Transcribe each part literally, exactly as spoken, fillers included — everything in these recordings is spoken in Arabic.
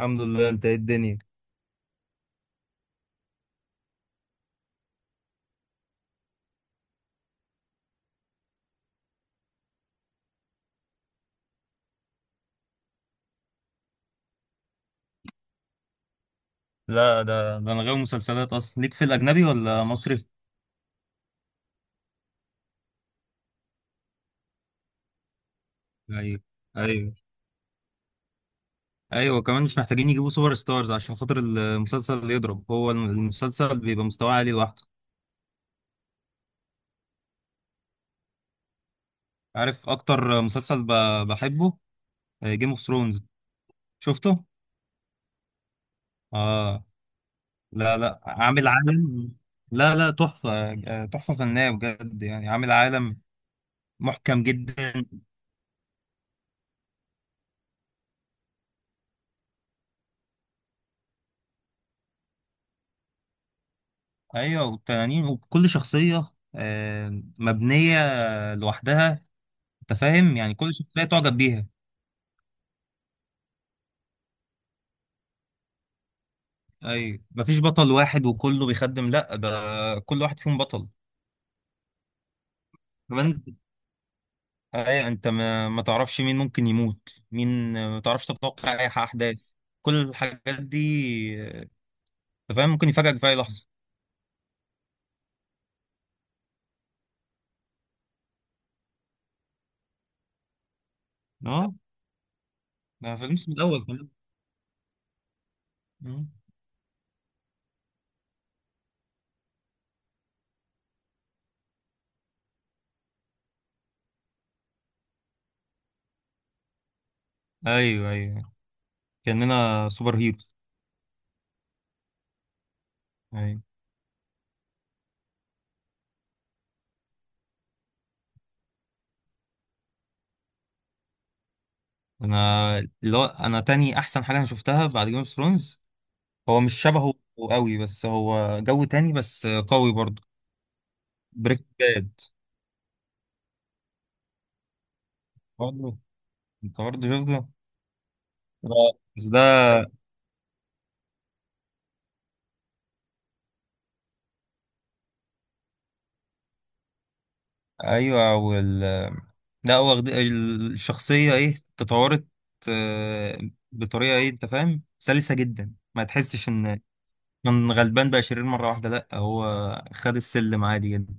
الحمد لله، انت ايه الدنيا؟ لا، ده ده انا غاوي مسلسلات اصلا، ليك في الاجنبي ولا مصري؟ ايوه، ايوه، ايوه، كمان مش محتاجين يجيبوا سوبر ستارز عشان خاطر المسلسل اللي يضرب، هو المسلسل بيبقى مستواه عالي لوحده. عارف اكتر مسلسل ب- بحبه؟ جيم اوف ثرونز. شفته؟ اه، لا لا، عامل عالم. لا لا، تحفة. آه، تحفة فنية بجد، يعني عامل عالم محكم جدا. ايوه، والتنانين وكل شخصية آه، مبنية لوحدها. انت فاهم، يعني كل شخصيه تعجب بيها. ايوه، مفيش بطل واحد وكله بيخدم، لا ده كل واحد فيهم بطل. كمان، ايوه، انت ما, ما تعرفش مين ممكن يموت مين، ما تعرفش تتوقع اي احداث، كل الحاجات دي، آه، انت فاهم، ممكن يفاجئك في اي لحظه. اه، ما فهمتش من الاول كمان. مم. ايوه، ايوه، كاننا سوبر هيروز. ايوه، انا اللي هو انا تاني احسن حاجه انا شفتها بعد جيم اوف ثرونز، هو مش شبهه قوي، بس هو جو تاني، بس قوي برضه. بريك باد. برضه انت برضه شفته ده. بس ده، ايوه، وال لا هو واخد الشخصيه ايه تطورت آه، بطريقه ايه. انت فاهم، سلسه جدا، ما تحسش ان من غلبان بقى شرير مره واحده، لا هو خد السلم عادي جدا.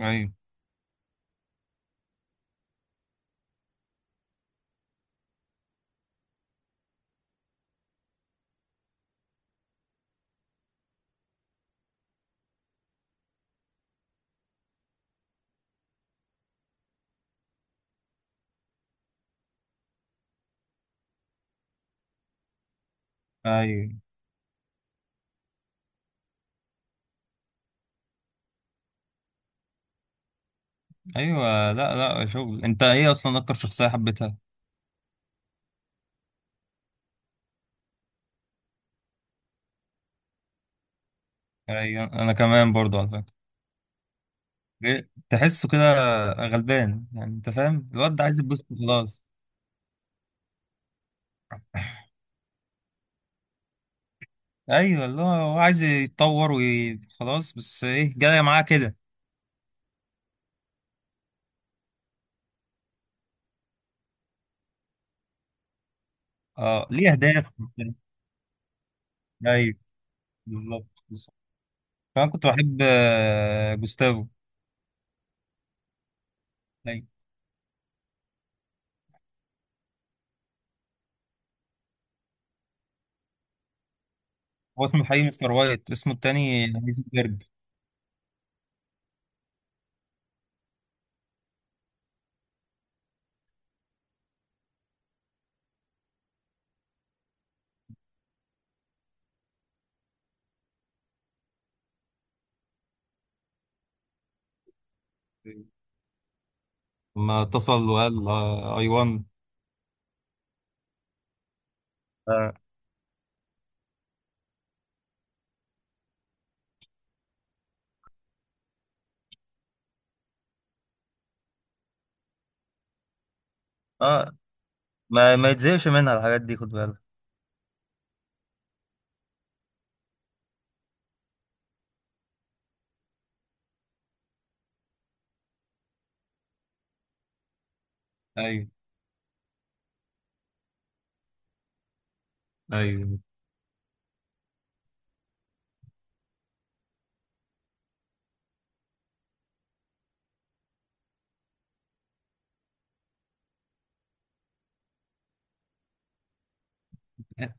ايوه، ايوه، ايوه، لا لا شغل. انت ايه اصلا اكتر شخصيه حبيتها؟ ايوه، انا كمان برضو على فكره. إيه؟ تحسه كده غلبان، يعني انت فاهم الواد ده عايز يتبسط خلاص. ايوه، اللي هو هو عايز يتطور وخلاص، بس ايه جايه معاه كده. اه، ليه اهداف وبتاع. ايوه، بالظبط بالظبط. فانا كنت بحب آه، جوستافو. ايوه. هو اسمه الحقيقي مستر وايت، اسمه التاني هايزنبرج. لما اتصل وقال اي وان. اه، آه. ما ما يتزهقش منها الحاجات دي، خد بالك. ايوه، ايوه.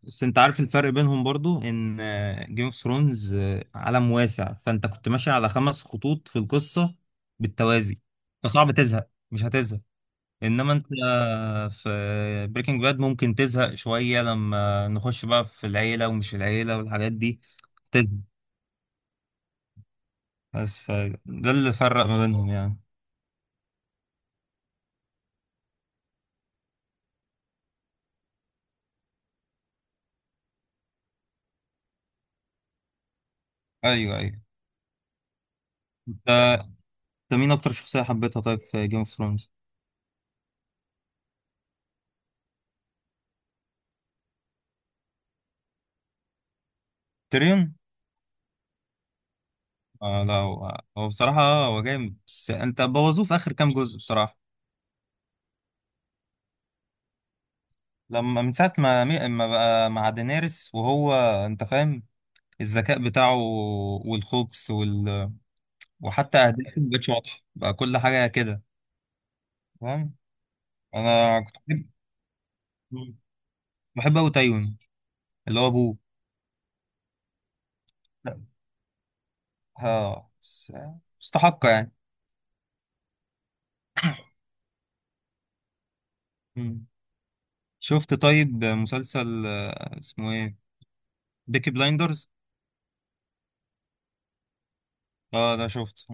بس انت عارف الفرق بينهم برضو، ان جيم اوف ثرونز عالم واسع، فانت كنت ماشي على خمس خطوط في القصة بالتوازي، فصعب تزهق، مش هتزهق. انما انت آه، في بريكنج باد ممكن تزهق شوية لما نخش بقى في العيلة، ومش العيلة والحاجات دي، تزهق. بس فده اللي فرق ما بينهم يعني. ايوه، ايوه. انت انت مين اكتر شخصية حبيتها طيب في جيم اوف ثرونز؟ تيريون. آه، لا هو هو بصراحة هو جامد، بس انت بوظوه في اخر كام جزء بصراحة. لما من ساعة ما مي- ما بقى مع دينيرس، وهو انت فاهم، الذكاء بتاعه والخبث وال... وحتى اهدافه مبقتش واضحة بقى، كل حاجة كده. فاهم، انا كنت بحب بحب اوي تايون اللي هو ابوه. لا. ها، بس- مستحقة يعني. مم. شفت؟ طيب مسلسل آه، اسمه ايه، بيكي بلايندرز. اه ده شفت.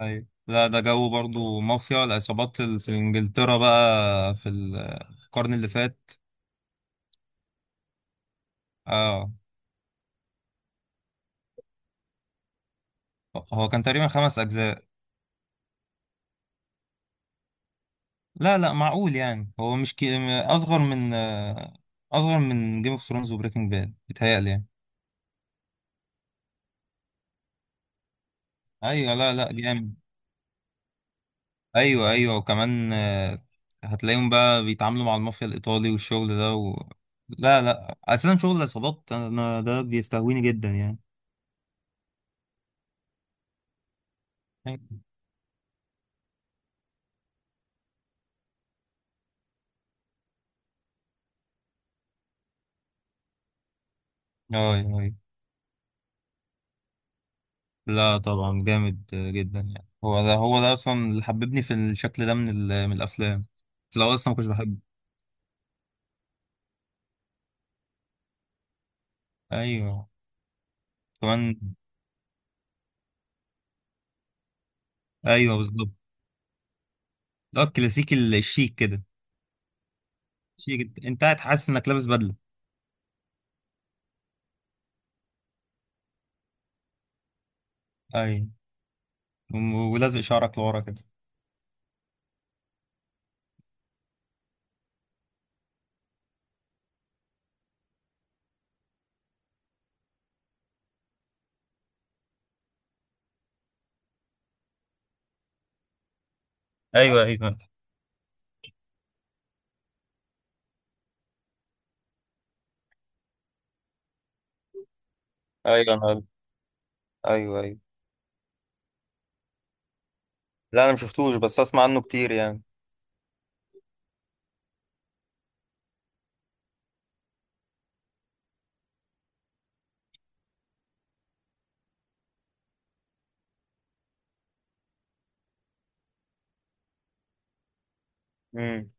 ايوه، لا ده جو برضو مافيا العصابات ال- في انجلترا، بقى في ال- في القرن اللي فات. اه، هو كان تقريبا خمس أجزاء. لا لا، معقول يعني، هو مش كي... أصغر من آه، أصغر من جيم اوف ثرونز وبريكنج باد، بيتهيألي يعني. أيوه، لا لا جامد. أيوه، أيوه، وكمان آه، هتلاقيهم بقى بيتعاملوا مع المافيا الإيطالي، والشغل ده و... لا لا، أساسا شغل العصابات، أنا ده بيستهويني جدا يعني. أيوه، أيوه. لا طبعا جامد آه، جدا يعني. هو ده هو ده أصلا اللي حببني في الشكل ده من, ال... من الأفلام، لو أصلا ما كنتش بحبه. أيوه، كمان. أيوه، بالظبط. اه الكلاسيكي ال- الشيك كده. شيك، انت قاعد حاسس انك لابس بدله. اي. وم- ولازق شعرك لورا كده. ايوه، ايوه، ايوه، انا، ايوه، ايوه. لا، انا مشفتوش، بس اسمع عنه كتير يعني. امم.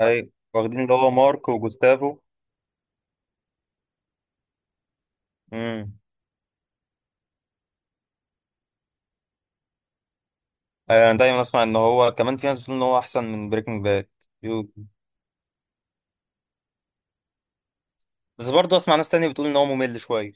ايوه، واخدين اللي هو مارك وجوستافو. امم. انا دايما اسمع ان هو كمان في ناس بتقول ان هو احسن من بريكنج باد، بس برضه اسمع ناس تانية بتقول ان هو ممل شويه.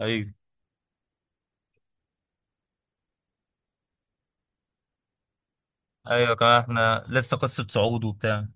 ايوه، ايوه، كمان احنا لسه قصه صعود وبتاع